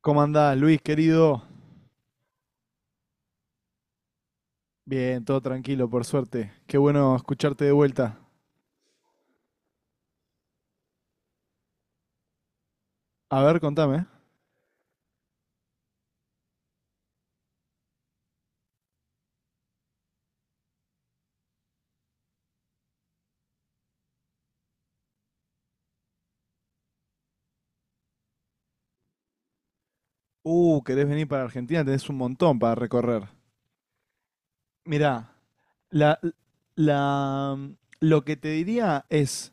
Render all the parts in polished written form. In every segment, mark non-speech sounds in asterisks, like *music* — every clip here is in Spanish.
¿Cómo andás, Luis, querido? Bien, todo tranquilo, por suerte. Qué bueno escucharte de vuelta. A ver, contame. Querés venir para Argentina, tenés un montón para recorrer. Mirá, la, la, lo que te diría es,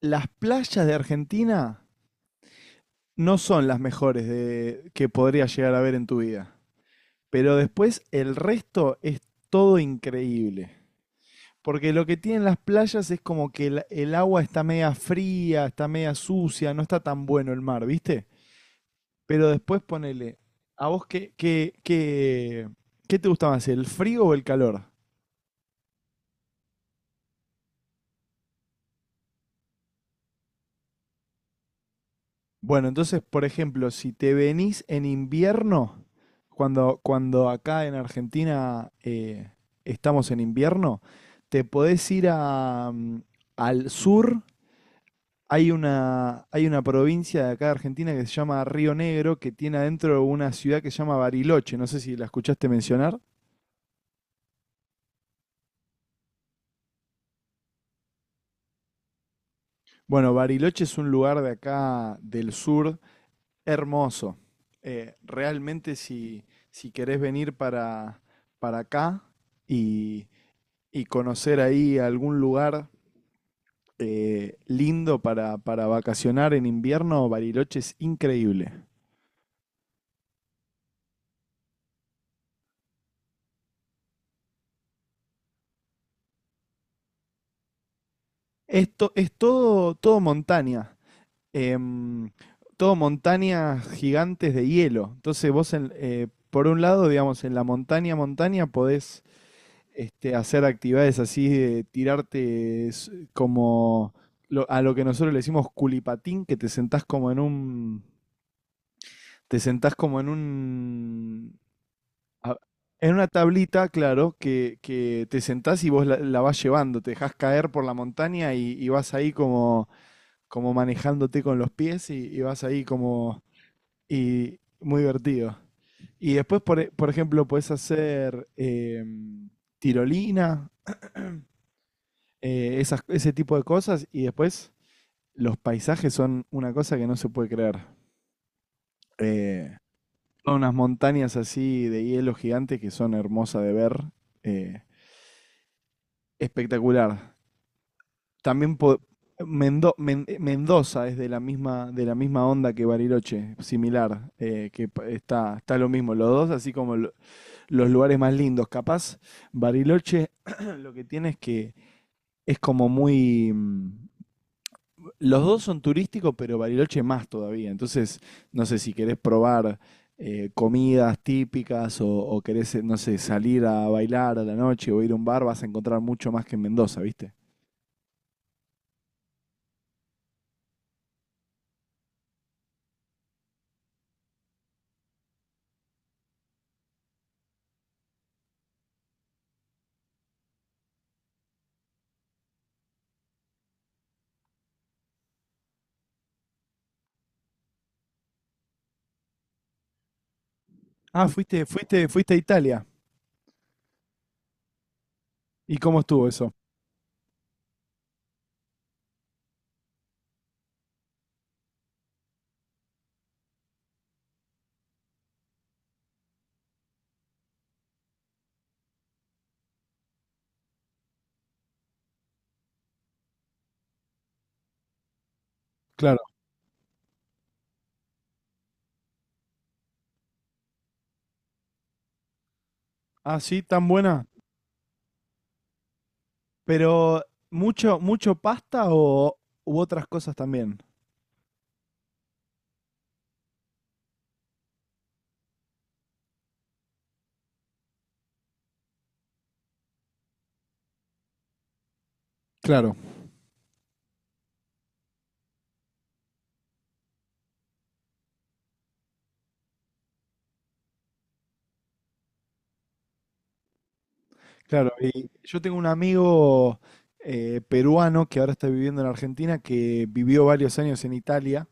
las playas de Argentina no son las mejores de, que podrías llegar a ver en tu vida. Pero después el resto es todo increíble. Porque lo que tienen las playas es como que el agua está media fría, está media sucia, no está tan bueno el mar, ¿viste? Pero después ponele, ¿a vos qué te gusta más, el frío o el calor? Bueno, entonces, por ejemplo, si te venís en invierno, cuando acá en Argentina estamos en invierno, te podés ir a, al sur. Hay una provincia de acá de Argentina que se llama Río Negro, que tiene adentro una ciudad que se llama Bariloche. No sé si la escuchaste mencionar. Bueno, Bariloche es un lugar de acá del sur, hermoso. Realmente si querés venir para acá y, y conocer ahí algún lugar lindo para vacacionar en invierno, Bariloche es increíble. Esto es todo montaña. em, Todo montañas gigantes de hielo. Entonces vos, por un lado, digamos, en la montaña, podés hacer actividades así de tirarte como a lo que nosotros le decimos culipatín, que te sentás como en un, te sentás como en un, a- en una tablita, claro, que te sentás y vos la, la vas llevando, te dejás caer por la montaña y vas ahí como, como manejándote con los pies y vas ahí como. Y muy divertido. Y después, por ejemplo, puedes hacer tirolina, ese tipo de cosas. Y después, los paisajes son una cosa que no se puede creer. Eh, son unas montañas así de hielo gigante que son hermosas de ver. eh, espectacular. También Mendoza es de la misma onda que Bariloche, similar, está, está lo mismo, los dos así como los lugares más lindos. Capaz, Bariloche *clears throat* *coughs* lo que tiene es que es como muy... mm, los dos son turísticos, pero Bariloche más todavía. Entonces, no sé si querés probar comidas típicas o querés, no sé, salir a bailar a la noche o ir a un bar, vas a encontrar mucho más que en Mendoza, ¿viste? Ah, fuiste a Italia. ¿Y cómo estuvo eso? Claro. Ah, sí, tan buena. Pero mucho, mucho pasta o u otras cosas también. Claro. Claro, y yo tengo un amigo peruano que ahora está viviendo en Argentina, que vivió varios años en Italia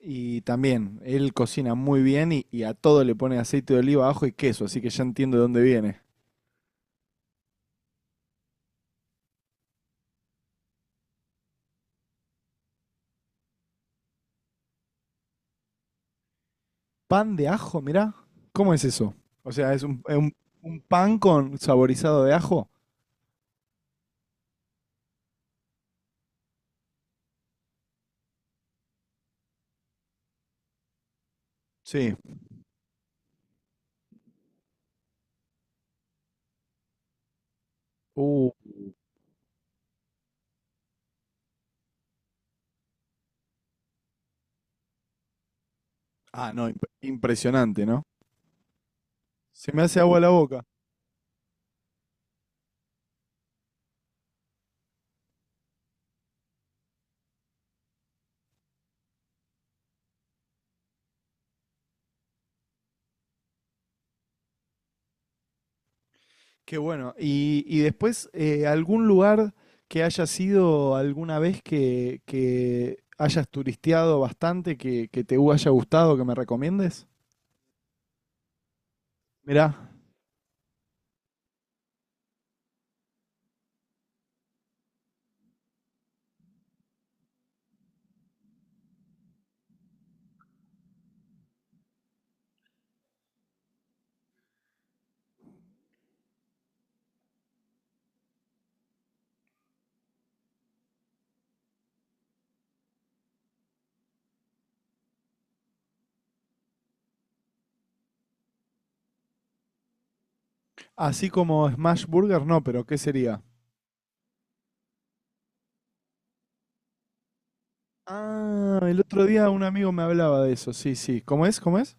y también él cocina muy bien y a todo le pone aceite de oliva, ajo y queso, así que ya entiendo de dónde viene. Pan de ajo, mirá, ¿cómo es eso? O sea, es un, un pan con saborizado de ajo. Sí. Uh, ah, no, impresionante, ¿no? Se me hace agua la boca. Qué bueno. Y después, ¿algún lugar que hayas sido alguna vez que hayas turisteado bastante, que te haya gustado, que me recomiendes? Mirá, así como Smash Burger, no, pero ¿qué sería? Ah, el otro día un amigo me hablaba de eso, sí, sí. ¿Cómo es? ¿Cómo es?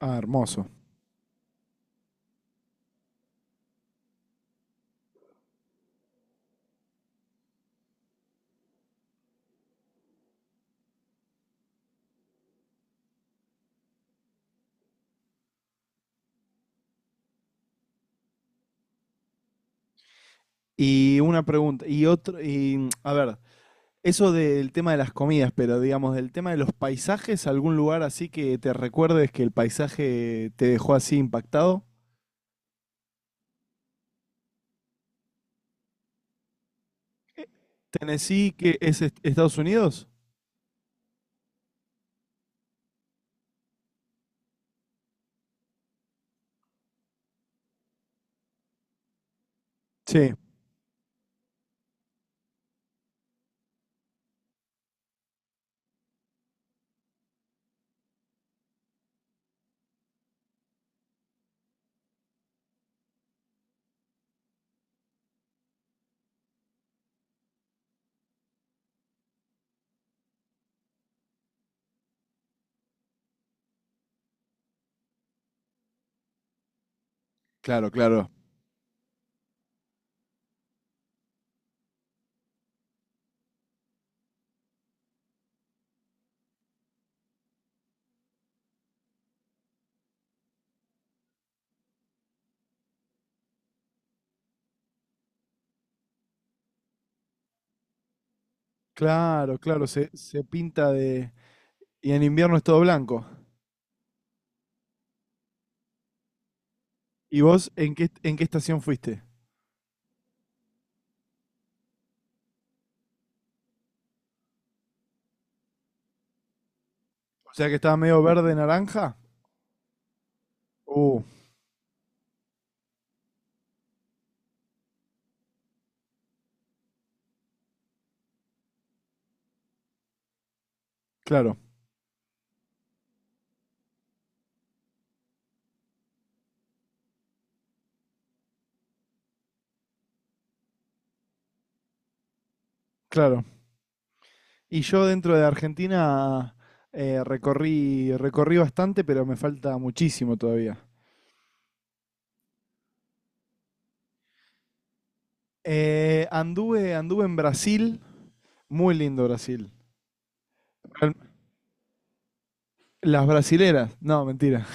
Ah, hermoso. Y una pregunta, y otro, y a ver, eso del tema de las comidas, pero digamos, del tema de los paisajes, ¿algún lugar así que te recuerdes que el paisaje te dejó así impactado? Eh, ¿Tennessee, que es Estados Unidos? Sí, claro, claro. Claro, claro, se pinta de... Y en invierno es todo blanco. ¿Y vos en qué estación fuiste? O sea que estaba medio verde, naranja. Uh, claro, claro. Y yo dentro de Argentina recorrí, recorrí bastante, pero me falta muchísimo todavía. Anduve, anduve en Brasil, muy lindo Brasil. Las brasileras, no, mentira.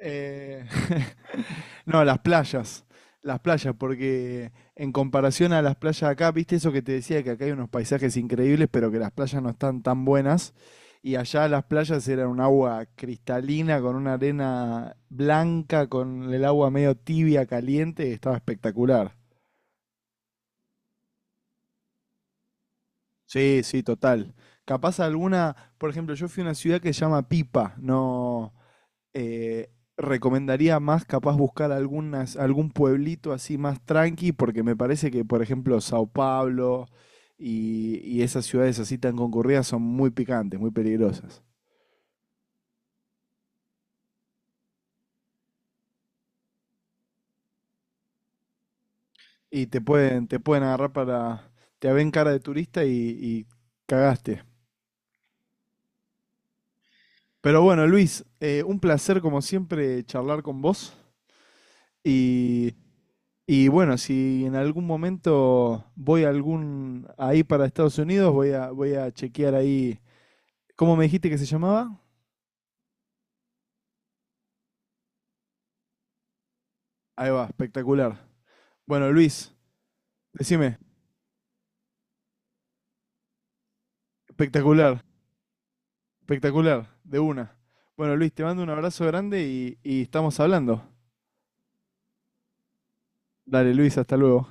Eh, *laughs* no, las playas, porque en comparación a las playas acá, viste eso que te decía, que acá hay unos paisajes increíbles, pero que las playas no están tan buenas. Y allá las playas eran un agua cristalina, con una arena blanca, con el agua medio tibia, caliente, estaba espectacular. Sí, sí, total. Capaz alguna, por ejemplo, yo fui a una ciudad que se llama Pipa, no eh, recomendaría más capaz buscar algunas, algún pueblito así más tranqui, porque me parece que, por ejemplo, Sao Paulo y esas ciudades así tan concurridas son muy picantes, muy peligrosas. Y te pueden agarrar para, te ven cara de turista y cagaste. Pero bueno, Luis, un placer como siempre charlar con vos. Y y bueno, si en algún momento voy a algún ahí para Estados Unidos, voy a, voy a chequear ahí. ¿Cómo me dijiste que se llamaba? Ahí va, espectacular. Bueno, Luis, decime, espectacular, espectacular, de una. Bueno, Luis, te mando un abrazo grande y estamos hablando. Dale, Luis, hasta luego.